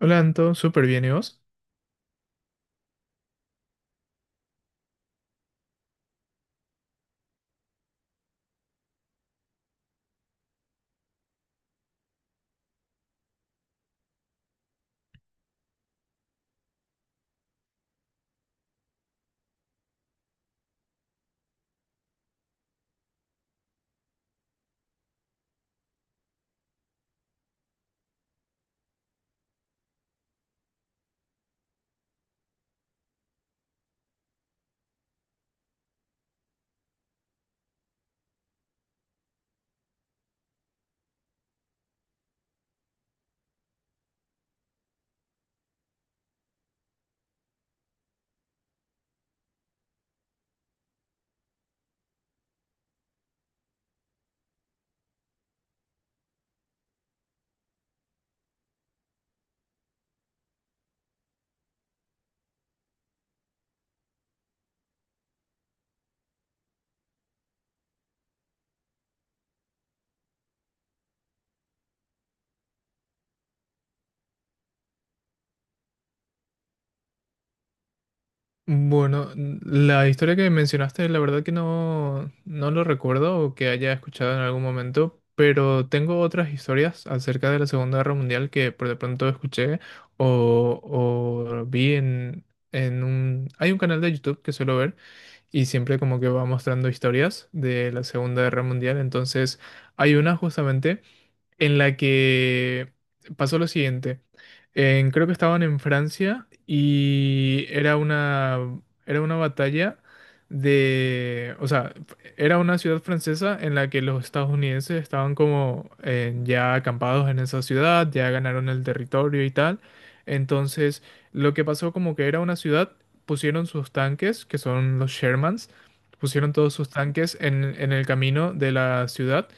Hola Anto, súper bien, ¿y vos? Bueno, la historia que mencionaste, la verdad que no, no lo recuerdo o que haya escuchado en algún momento, pero tengo otras historias acerca de la Segunda Guerra Mundial que por de pronto escuché o vi en un... Hay un canal de YouTube que suelo ver y siempre como que va mostrando historias de la Segunda Guerra Mundial, entonces hay una justamente en la que pasó lo siguiente. Creo que estaban en Francia y era era una batalla de... O sea, era una ciudad francesa en la que los estadounidenses estaban como ya acampados en esa ciudad, ya ganaron el territorio y tal. Entonces, lo que pasó como que era una ciudad, pusieron sus tanques, que son los Shermans, pusieron todos sus tanques en el camino de la ciudad,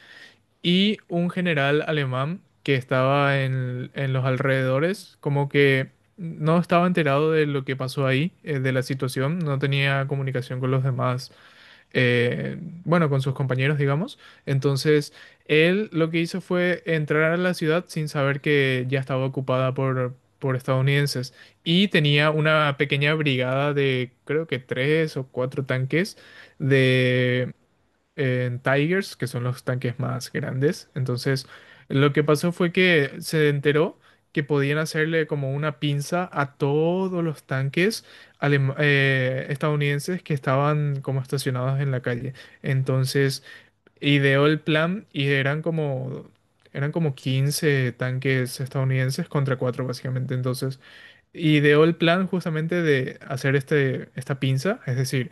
y un general alemán que estaba en los alrededores, como que no estaba enterado de lo que pasó ahí, de la situación, no tenía comunicación con los demás, eh, bueno, con sus compañeros, digamos. Entonces, él lo que hizo fue entrar a la ciudad sin saber que ya estaba ocupada por estadounidenses, y tenía una pequeña brigada de creo que tres o cuatro tanques de en Tigers, que son los tanques más grandes. Entonces, lo que pasó fue que se enteró que podían hacerle como una pinza a todos los tanques estadounidenses que estaban como estacionados en la calle. Entonces, ideó el plan y eran como... Eran como 15 tanques estadounidenses contra 4 básicamente. Entonces, ideó el plan justamente de hacer esta pinza, es decir,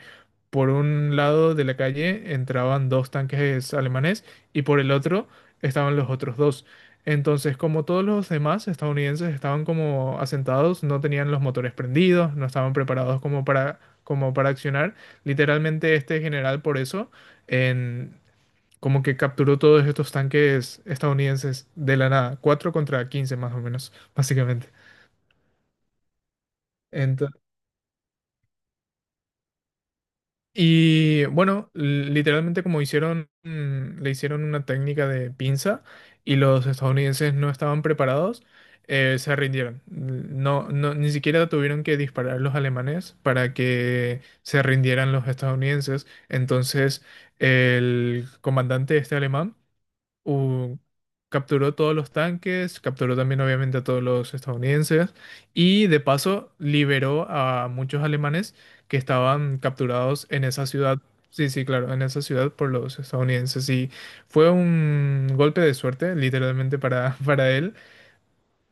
por un lado de la calle entraban dos tanques alemanes y por el otro estaban los otros dos. Entonces, como todos los demás estadounidenses estaban como asentados, no tenían los motores prendidos, no estaban preparados como para, como para accionar, literalmente este general por eso en- como que capturó todos estos tanques estadounidenses de la nada, 4 contra 15 más o menos, básicamente. Y bueno, literalmente como hicieron, le hicieron una técnica de pinza, y los estadounidenses no estaban preparados, se rindieron. No, no, ni siquiera tuvieron que disparar los alemanes para que se rindieran los estadounidenses. Entonces, el comandante este alemán u- capturó todos los tanques, capturó también obviamente a todos los estadounidenses, y de paso liberó a muchos alemanes que estaban capturados en esa ciudad. Sí, sí, claro, en esa ciudad por los estadounidenses. Y fue un golpe de suerte, literalmente, para, para él.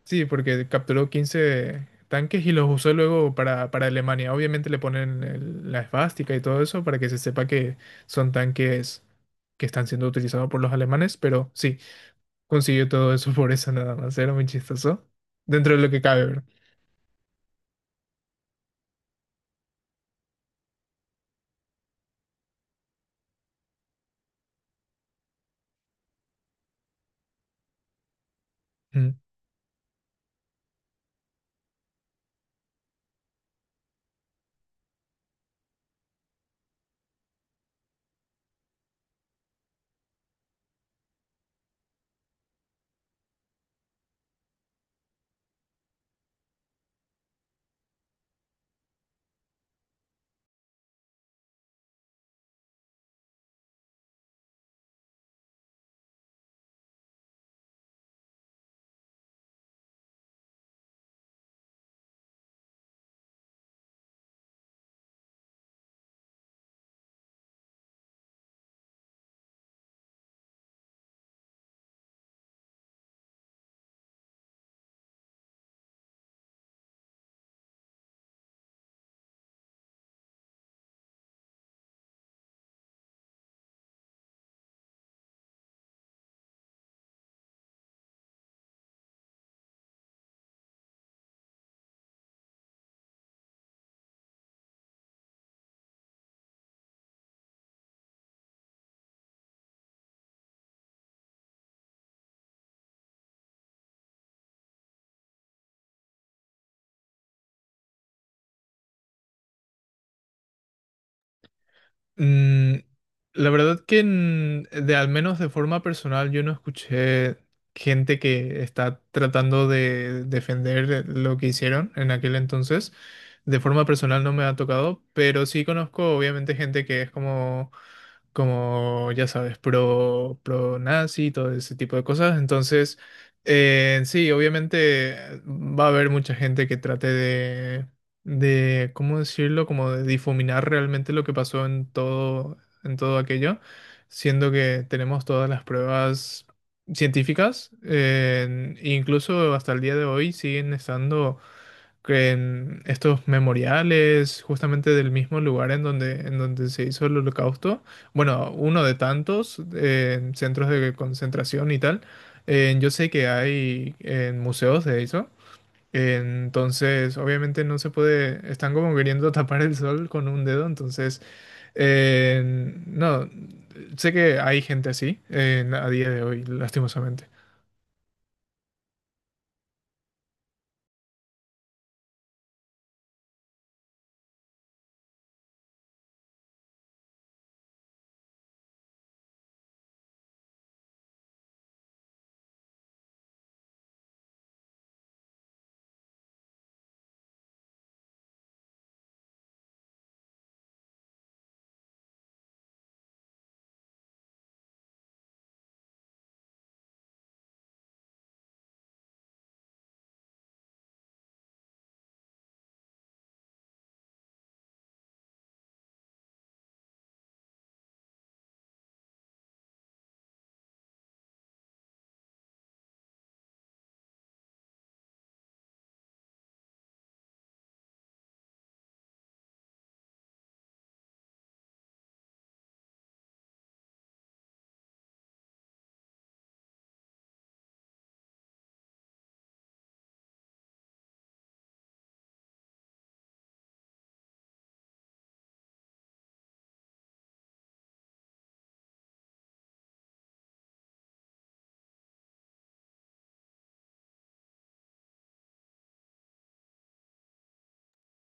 Sí, porque capturó 15 tanques y los usó luego para Alemania. Obviamente le ponen la esvástica y todo eso para que se sepa que son tanques que están siendo utilizados por los alemanes, pero sí, consiguió todo eso por eso nada más. Era muy chistoso. Dentro de lo que cabe, ¿verdad? Mm. Mm, la verdad que de al menos de forma personal yo no escuché gente que está tratando de defender lo que hicieron en aquel entonces. De forma personal no me ha tocado, pero sí conozco obviamente gente que es como ya sabes, pro, pro nazi, todo ese tipo de cosas. Entonces, sí, obviamente va a haber mucha gente que trate de, ¿cómo decirlo? Como de difuminar realmente lo que pasó en todo aquello, siendo que tenemos todas las pruebas científicas, incluso hasta el día de hoy siguen estando que en estos memoriales justamente del mismo lugar en donde se hizo el holocausto, bueno, uno de tantos centros de concentración y tal, yo sé que hay en museos de eso, entonces obviamente no se puede, están como queriendo tapar el sol con un dedo, entonces, eh, no, sé que hay gente así a día de hoy, lastimosamente.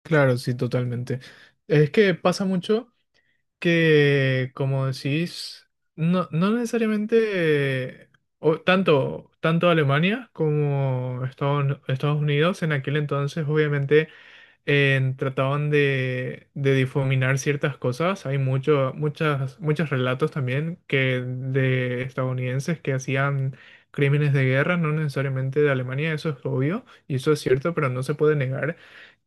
Claro, sí, totalmente. Es que pasa mucho, que, como decís, no, no necesariamente tanto, tanto Alemania como Estados Unidos en aquel entonces, obviamente trataban de difuminar ciertas cosas. Hay mucho, muchas, muchos relatos también que de estadounidenses que hacían crímenes de guerra, no necesariamente de Alemania, eso es obvio, y eso es cierto, pero no se puede negar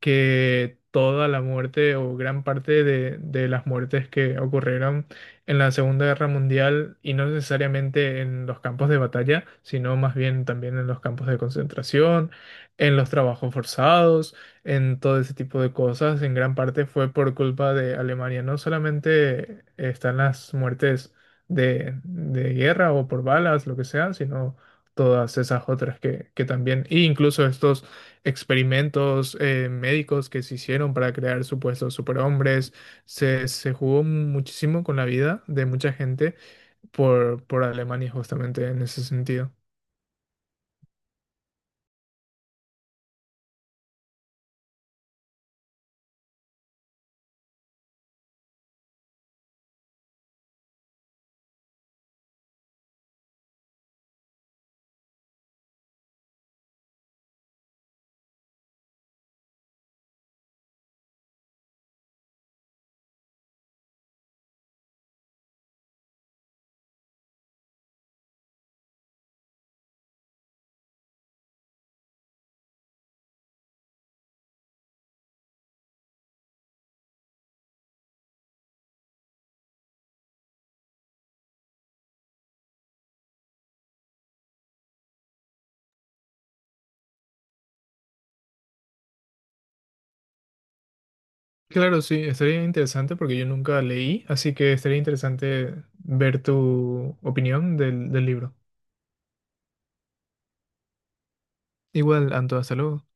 que toda la muerte o gran parte de las muertes que ocurrieron en la Segunda Guerra Mundial, y no necesariamente en los campos de batalla, sino más bien también en los campos de concentración, en los trabajos forzados, en todo ese tipo de cosas, en gran parte fue por culpa de Alemania. No solamente están las muertes de guerra o por balas, lo que sea, sino todas esas otras que también, e incluso estos experimentos médicos que se hicieron para crear supuestos superhombres, se jugó muchísimo con la vida de mucha gente por Alemania justamente en ese sentido. Claro, sí, estaría interesante porque yo nunca leí, así que estaría interesante ver tu opinión del, del libro. Igual, Anto, hasta luego.